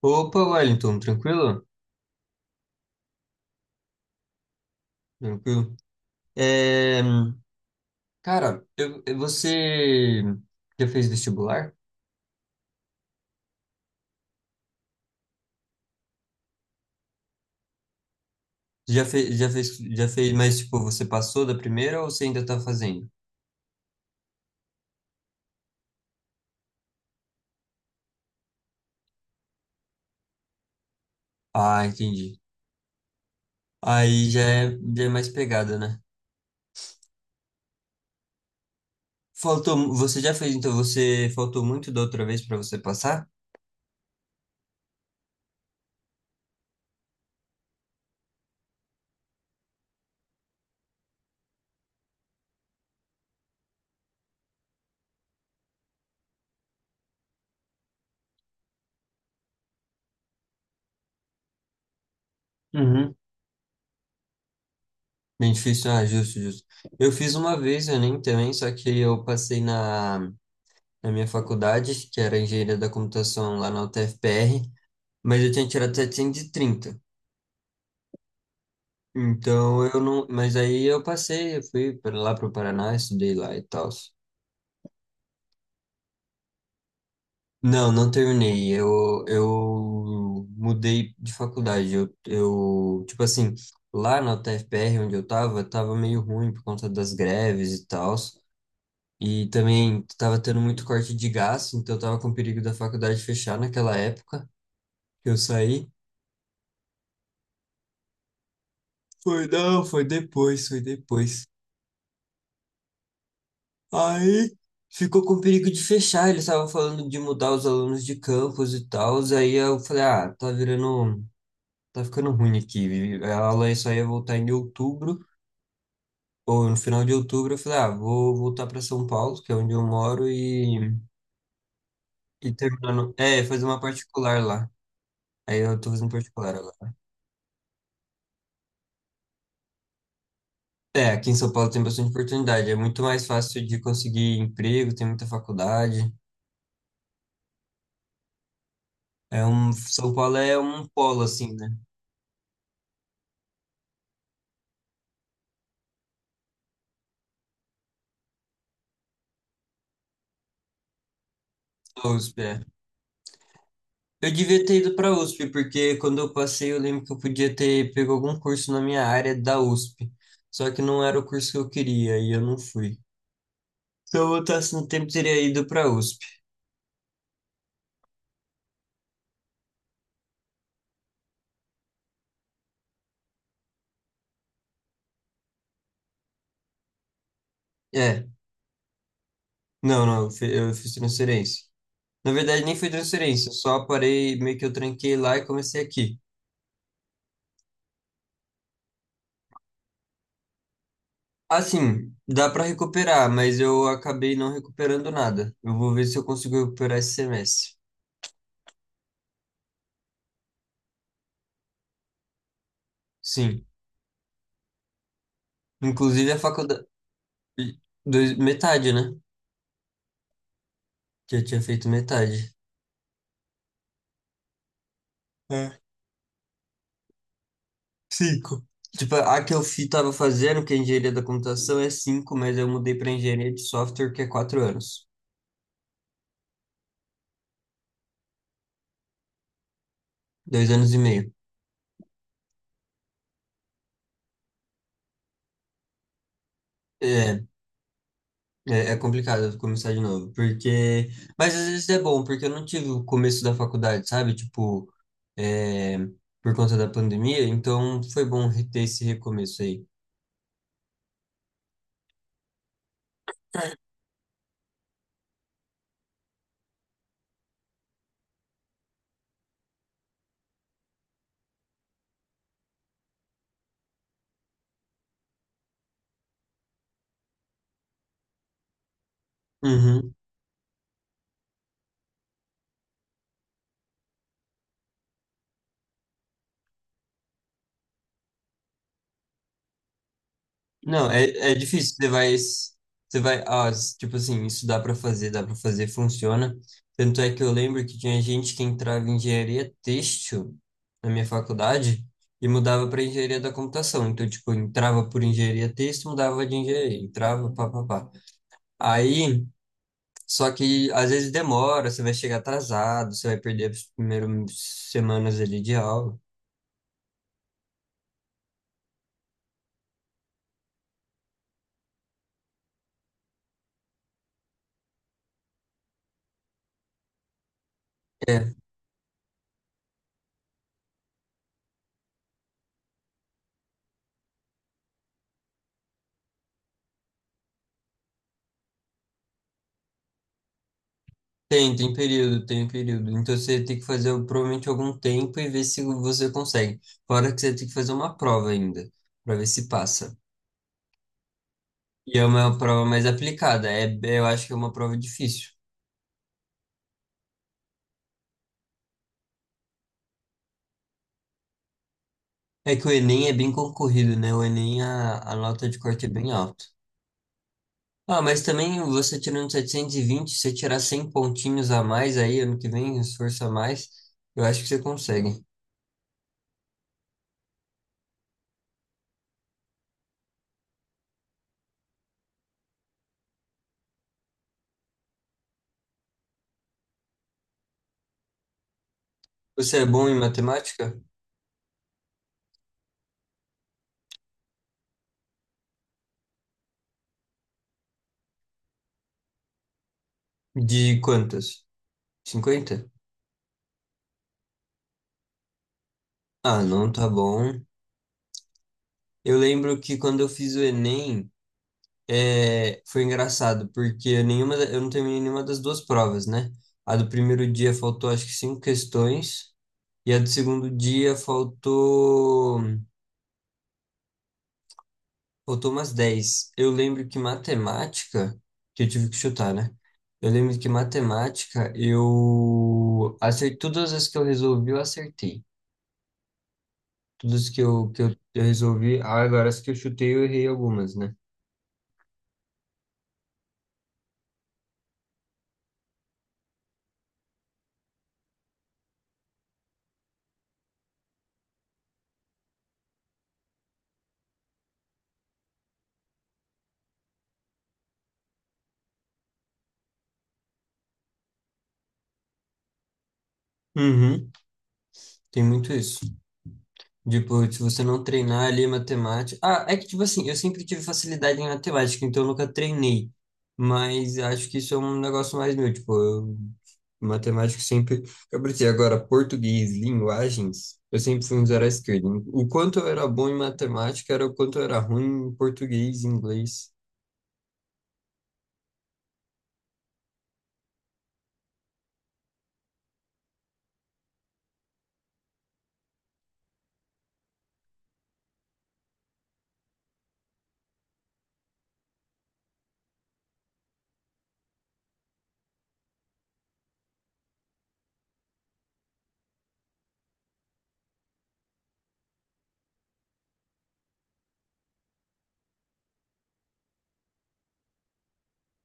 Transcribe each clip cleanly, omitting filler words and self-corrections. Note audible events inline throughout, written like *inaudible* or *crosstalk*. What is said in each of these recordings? Opa, Wellington, tranquilo? Tranquilo. É, cara, você já fez vestibular? Já fez, já fez, já fez, mas tipo, você passou da primeira ou você ainda tá fazendo? Ah, entendi. Aí já é mais pegada, né? Você já fez, então você faltou muito da outra vez pra você passar? Uhum. Bem difícil, ah, justo, justo. Eu fiz uma vez, eu nem também, só que eu passei na minha faculdade, que era engenharia da computação lá na UTFPR. Mas eu tinha tirado 730. Então eu não. Mas aí eu passei, eu fui para lá pro Paraná, estudei lá e tal. Não, não terminei. Eu mudei de faculdade. Tipo assim, lá na UTFPR, onde eu tava meio ruim por conta das greves e tal. E também tava tendo muito corte de gasto, então eu tava com perigo da faculdade fechar naquela época que eu saí. Foi, não, foi depois, foi depois. Aí ficou com perigo de fechar. Eles estavam falando de mudar os alunos de campus e tal. Aí eu falei, ah, tá virando, tá ficando ruim aqui. A aula só ia voltar em outubro, ou no final de outubro. Eu falei, ah, vou voltar para São Paulo, que é onde eu moro, e terminando. É, fazer uma particular lá. Aí eu tô fazendo particular agora. É, aqui em São Paulo tem bastante oportunidade. É muito mais fácil de conseguir emprego, tem muita faculdade. São Paulo é um polo, assim, né? Ou, é. Eu devia ter ido para a USP, porque quando eu passei, eu lembro que eu podia ter pego algum curso na minha área da USP. Só que não era o curso que eu queria e eu não fui. Se eu voltasse no tempo, teria ido para a USP. É, não, não, eu fiz transferência. Na verdade, nem foi transferência, eu só parei, meio que eu tranquei lá e comecei aqui. Assim, dá para recuperar, mas eu acabei não recuperando nada. Eu vou ver se eu consigo recuperar esse semestre. Sim, inclusive a faculdade, metade, né? Que eu tinha feito metade. É, cinco. Tipo, a que tava fazendo, que é engenharia da computação, é cinco, mas eu mudei para engenharia de software, que é 4 anos. 2 anos e meio. É, é complicado começar de novo, porque... Mas às vezes é bom, porque eu não tive o começo da faculdade, sabe? Tipo, é, por conta da pandemia, então foi bom ter esse recomeço aí. Uhum. Não, é difícil. Você vai, ah, s- tipo assim, isso dá para fazer, funciona. Tanto é que eu lembro que tinha gente que entrava em engenharia têxtil na minha faculdade e mudava para engenharia da computação. Então, tipo, entrava por engenharia têxtil, mudava de engenharia, entrava, pá, pá, pá. Aí, só que às vezes demora, você vai chegar atrasado, você vai perder as primeiras semanas ali de aula. É. Tem período, tem período. Então você tem que fazer provavelmente algum tempo e ver se você consegue. Fora que você tem que fazer uma prova ainda, para ver se passa. E é uma prova mais aplicada. Eu acho que é uma prova difícil. É que o Enem é bem concorrido, né? O Enem, a nota de corte é bem alta. Ah, mas também você tirando 720, se você tirar 100 pontinhos a mais aí, ano que vem, esforço a mais, eu acho que você consegue. Você é bom em matemática? De quantas? 50. Ah, não tá bom. Eu lembro que quando eu fiz o Enem, foi engraçado, porque eu não terminei nenhuma das duas provas, né? A do primeiro dia faltou acho que cinco questões, e a do segundo dia faltou, umas 10. Eu lembro que matemática, que eu tive que chutar, né? Eu lembro que matemática, eu acertei, todas as que eu resolvi, eu acertei. Todas que eu resolvi, ah, agora as que eu chutei, eu errei algumas, né? Uhum, tem muito isso. Tipo, se você não treinar ali matemática. Ah, é que, tipo assim, eu sempre tive facilidade em matemática, então eu nunca treinei. Mas acho que isso é um negócio mais meu. Tipo, matemática sempre. Eu preciso agora, português, linguagens, eu sempre fui um zero à esquerda. O quanto eu era bom em matemática era o quanto eu era ruim em português e inglês.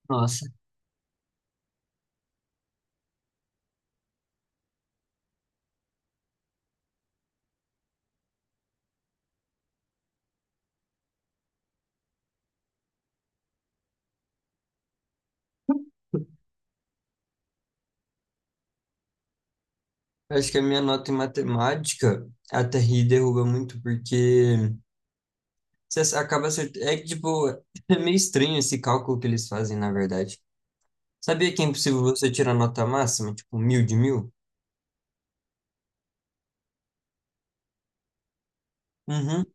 Nossa, eu acho que a minha nota em matemática até ri derruba muito, porque você acaba acertando. É que, tipo, *laughs* é meio estranho esse cálculo que eles fazem, na verdade. Sabia que é impossível você tirar nota máxima, tipo 1000 de 1000? Uhum.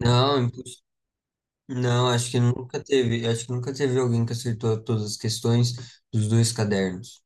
Não, imposs- não, acho que nunca teve alguém que acertou todas as questões dos dois cadernos.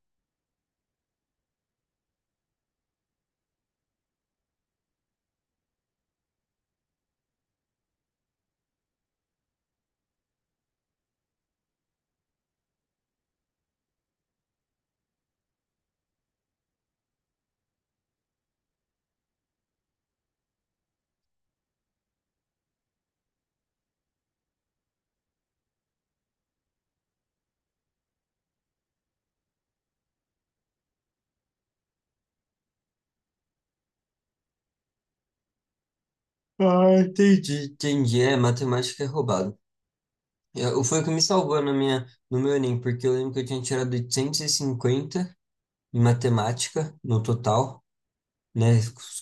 Ah, entendi. Entendi, é, matemática é roubado. Foi o que me salvou na minha, no meu Enem, porque eu lembro que eu tinha tirado 850 em matemática no total, né,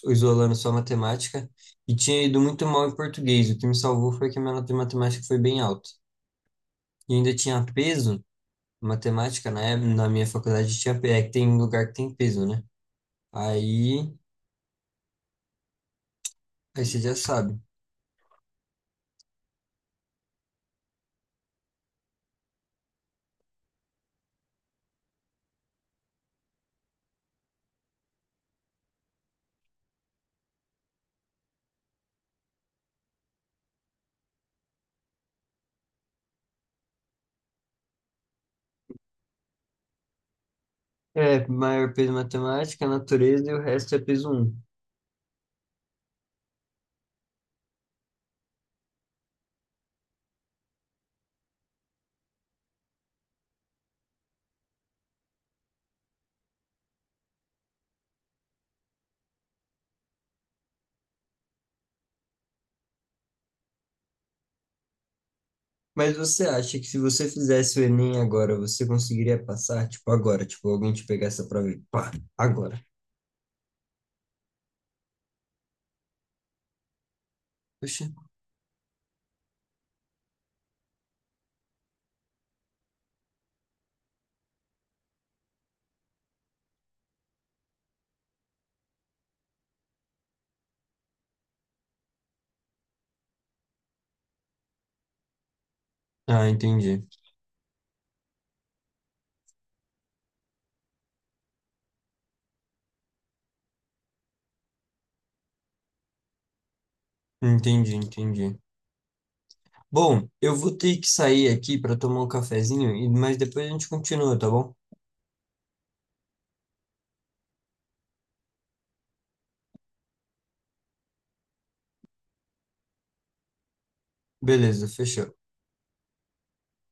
isolando só matemática, e tinha ido muito mal em português. O que me salvou foi que a minha nota de matemática foi bem alta. E ainda tinha peso, matemática, né? Na minha faculdade tinha, é que tem lugar que tem peso, né? Aí, aí você já sabe. É, maior peso matemática, natureza e o resto é peso um. Mas você acha que se você fizesse o Enem agora, você conseguiria passar? Tipo, agora. Tipo, alguém te pegar essa prova e pá, agora. Poxa. Ah, entendi. Entendi, entendi. Bom, eu vou ter que sair aqui para tomar um cafezinho, mas depois a gente continua, tá bom? Beleza, fechou.